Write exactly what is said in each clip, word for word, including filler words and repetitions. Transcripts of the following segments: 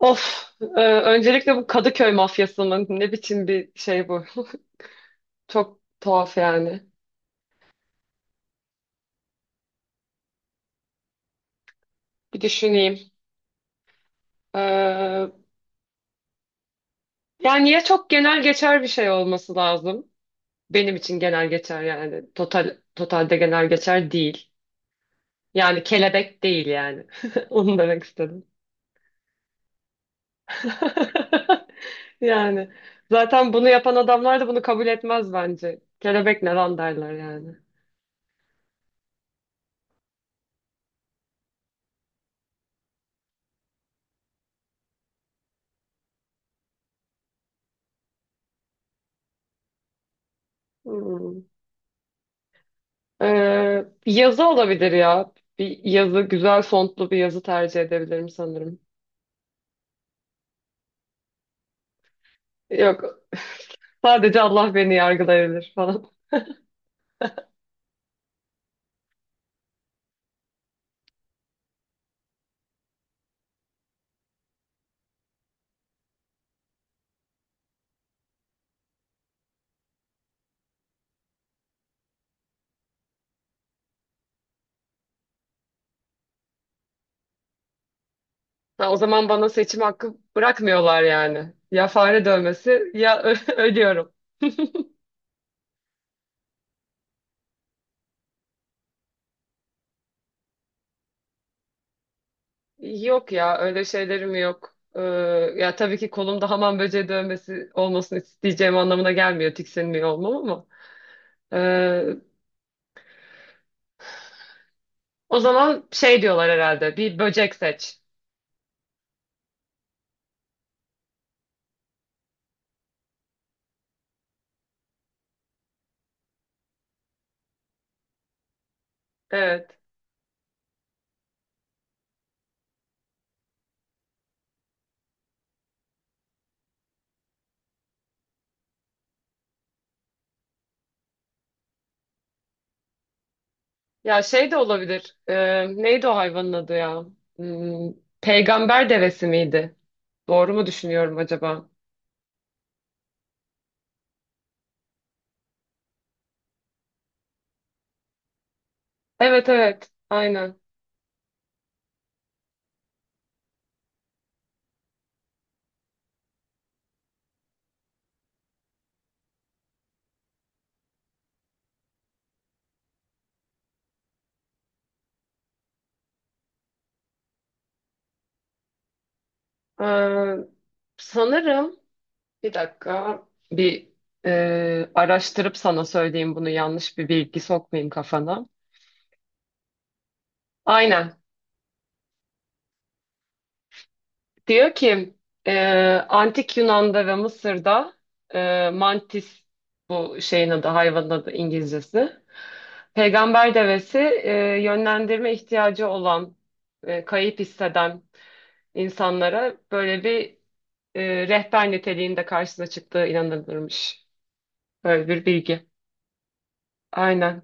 Of, e, öncelikle bu Kadıköy mafyası mı? Ne biçim bir şey bu? Çok tuhaf yani. Bir düşüneyim. E, yani ya çok genel geçer bir şey olması lazım. Benim için genel geçer yani. Total, totalde genel geçer değil. Yani kelebek değil yani. Onu demek istedim. Yani zaten bunu yapan adamlar da bunu kabul etmez bence. Kelebek ne lan derler yani. Hmm. Ee, bir yazı olabilir ya. Bir yazı, güzel fontlu bir yazı tercih edebilirim sanırım. Yok, sadece Allah beni yargılayabilir falan. Ha, o zaman bana seçim hakkı bırakmıyorlar yani. Ya fare dövmesi ya ölüyorum. Yok ya öyle şeylerim yok. Ee, ya tabii ki kolumda hamam böceği dövmesi olmasını isteyeceğim anlamına gelmiyor tiksinmiyor olmam ama. Ee, o zaman şey diyorlar herhalde bir böcek seç. Evet. Ya şey de olabilir. Ee, neydi o hayvanın adı ya? Hmm, peygamber devesi miydi? Doğru mu düşünüyorum acaba? Evet evet aynen. Ee, sanırım. Bir dakika. Bir e, araştırıp sana söyleyeyim bunu yanlış bir bilgi sokmayayım kafana. Aynen. Diyor ki e, Antik Yunan'da ve Mısır'da e, mantis bu şeyin adı hayvanın adı İngilizcesi. Peygamber devesi e, yönlendirme ihtiyacı olan e, kayıp hisseden insanlara böyle bir e, rehber niteliğinde karşısına çıktığı inanılırmış. Böyle bir bilgi. Aynen.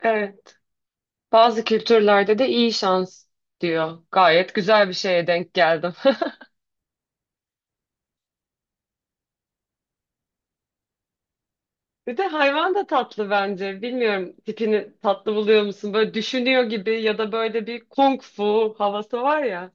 Evet. Bazı kültürlerde de iyi şans diyor. Gayet güzel bir şeye denk geldim. Bir de hayvan da tatlı bence. Bilmiyorum tipini tatlı buluyor musun? Böyle düşünüyor gibi ya da böyle bir kung fu havası var ya.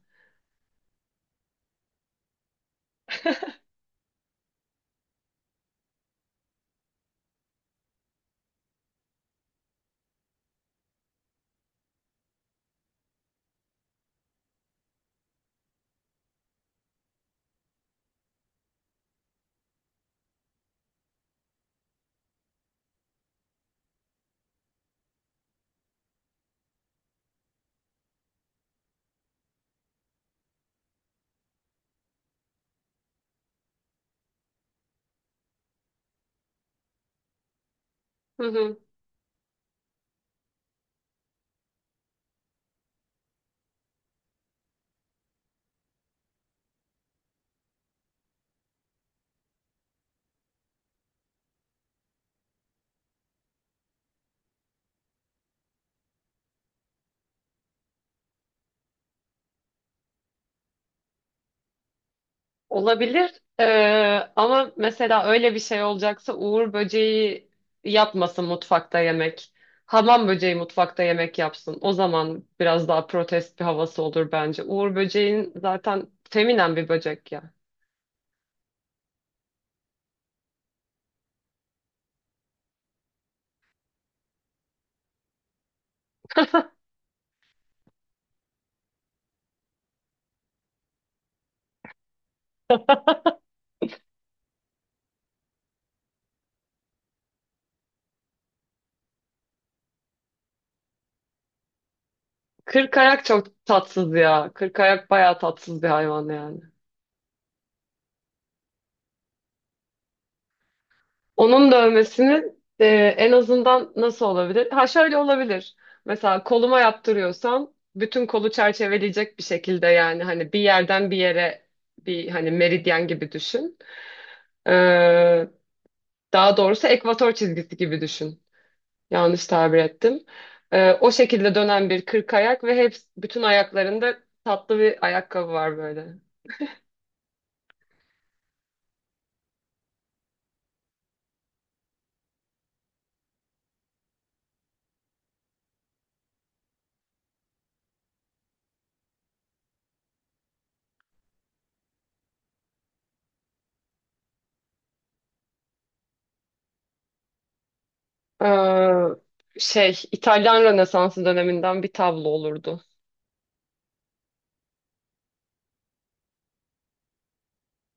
Hı hı. Olabilir. Ee, ama mesela öyle bir şey olacaksa Uğur böceği yapmasın mutfakta yemek. Hamam böceği mutfakta yemek yapsın. O zaman biraz daha protest bir havası olur bence. Uğur böceğin zaten feminen bir böcek ya. Kırk ayak çok tatsız ya. Kırk ayak bayağı tatsız bir hayvan yani. Onun dövmesinin e, en azından nasıl olabilir? Ha şöyle olabilir. Mesela koluma yaptırıyorsan bütün kolu çerçeveleyecek bir şekilde, yani hani bir yerden bir yere, bir hani meridyen gibi düşün. Ee, daha doğrusu ekvator çizgisi gibi düşün. Yanlış tabir ettim. Ee, o şekilde dönen bir kırk ayak ve hep bütün ayaklarında tatlı bir ayakkabı var böyle. Ee, şey İtalyan Rönesansı döneminden bir tablo olurdu.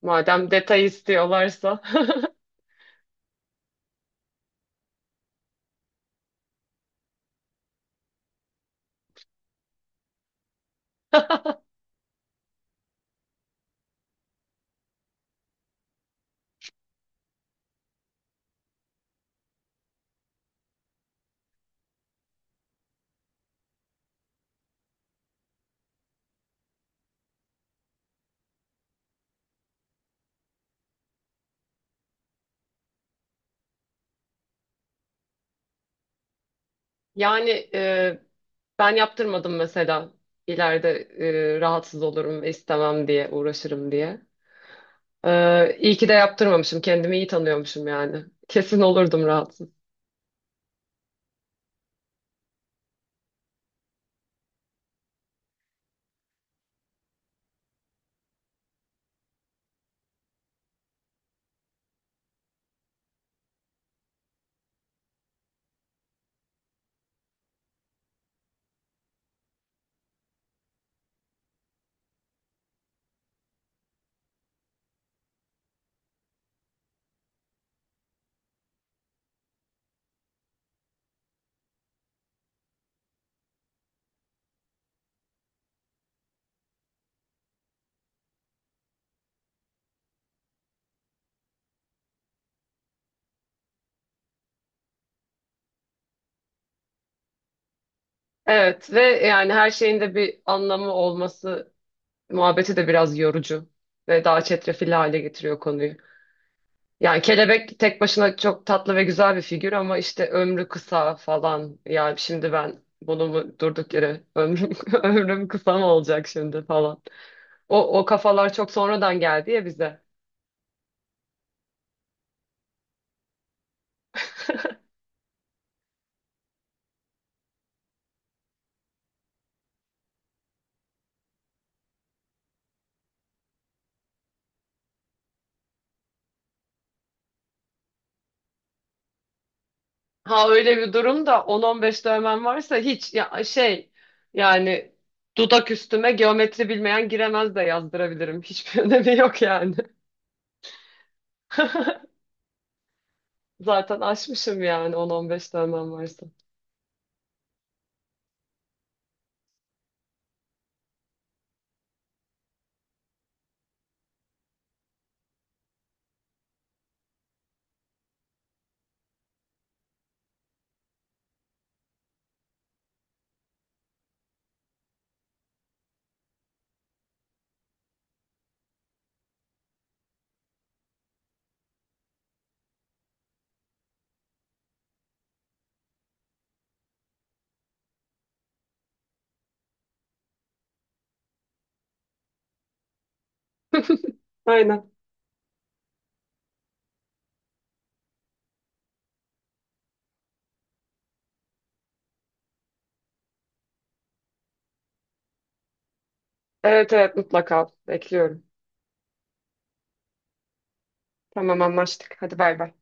Madem detay istiyorlarsa. Yani e, ben yaptırmadım mesela. İleride e, rahatsız olurum ve istemem diye uğraşırım diye. Ee, iyi ki de yaptırmamışım. Kendimi iyi tanıyormuşum yani. Kesin olurdum rahatsız. Evet, ve yani her şeyin de bir anlamı olması muhabbeti de biraz yorucu ve daha çetrefilli hale getiriyor konuyu. Yani kelebek tek başına çok tatlı ve güzel bir figür ama işte ömrü kısa falan. Yani şimdi ben bunu mu, durduk yere ömrüm, ömrüm kısa mı olacak şimdi falan. O, o kafalar çok sonradan geldi ya bize. Ha öyle bir durumda on on beş dövmen varsa hiç ya şey, yani dudak üstüme geometri bilmeyen giremez de yazdırabilirim. Hiçbir önemi yok yani. Zaten aşmışım yani on on beş dövmem varsa. Aynen. Evet evet mutlaka bekliyorum. Tamam anlaştık. Hadi bay bay.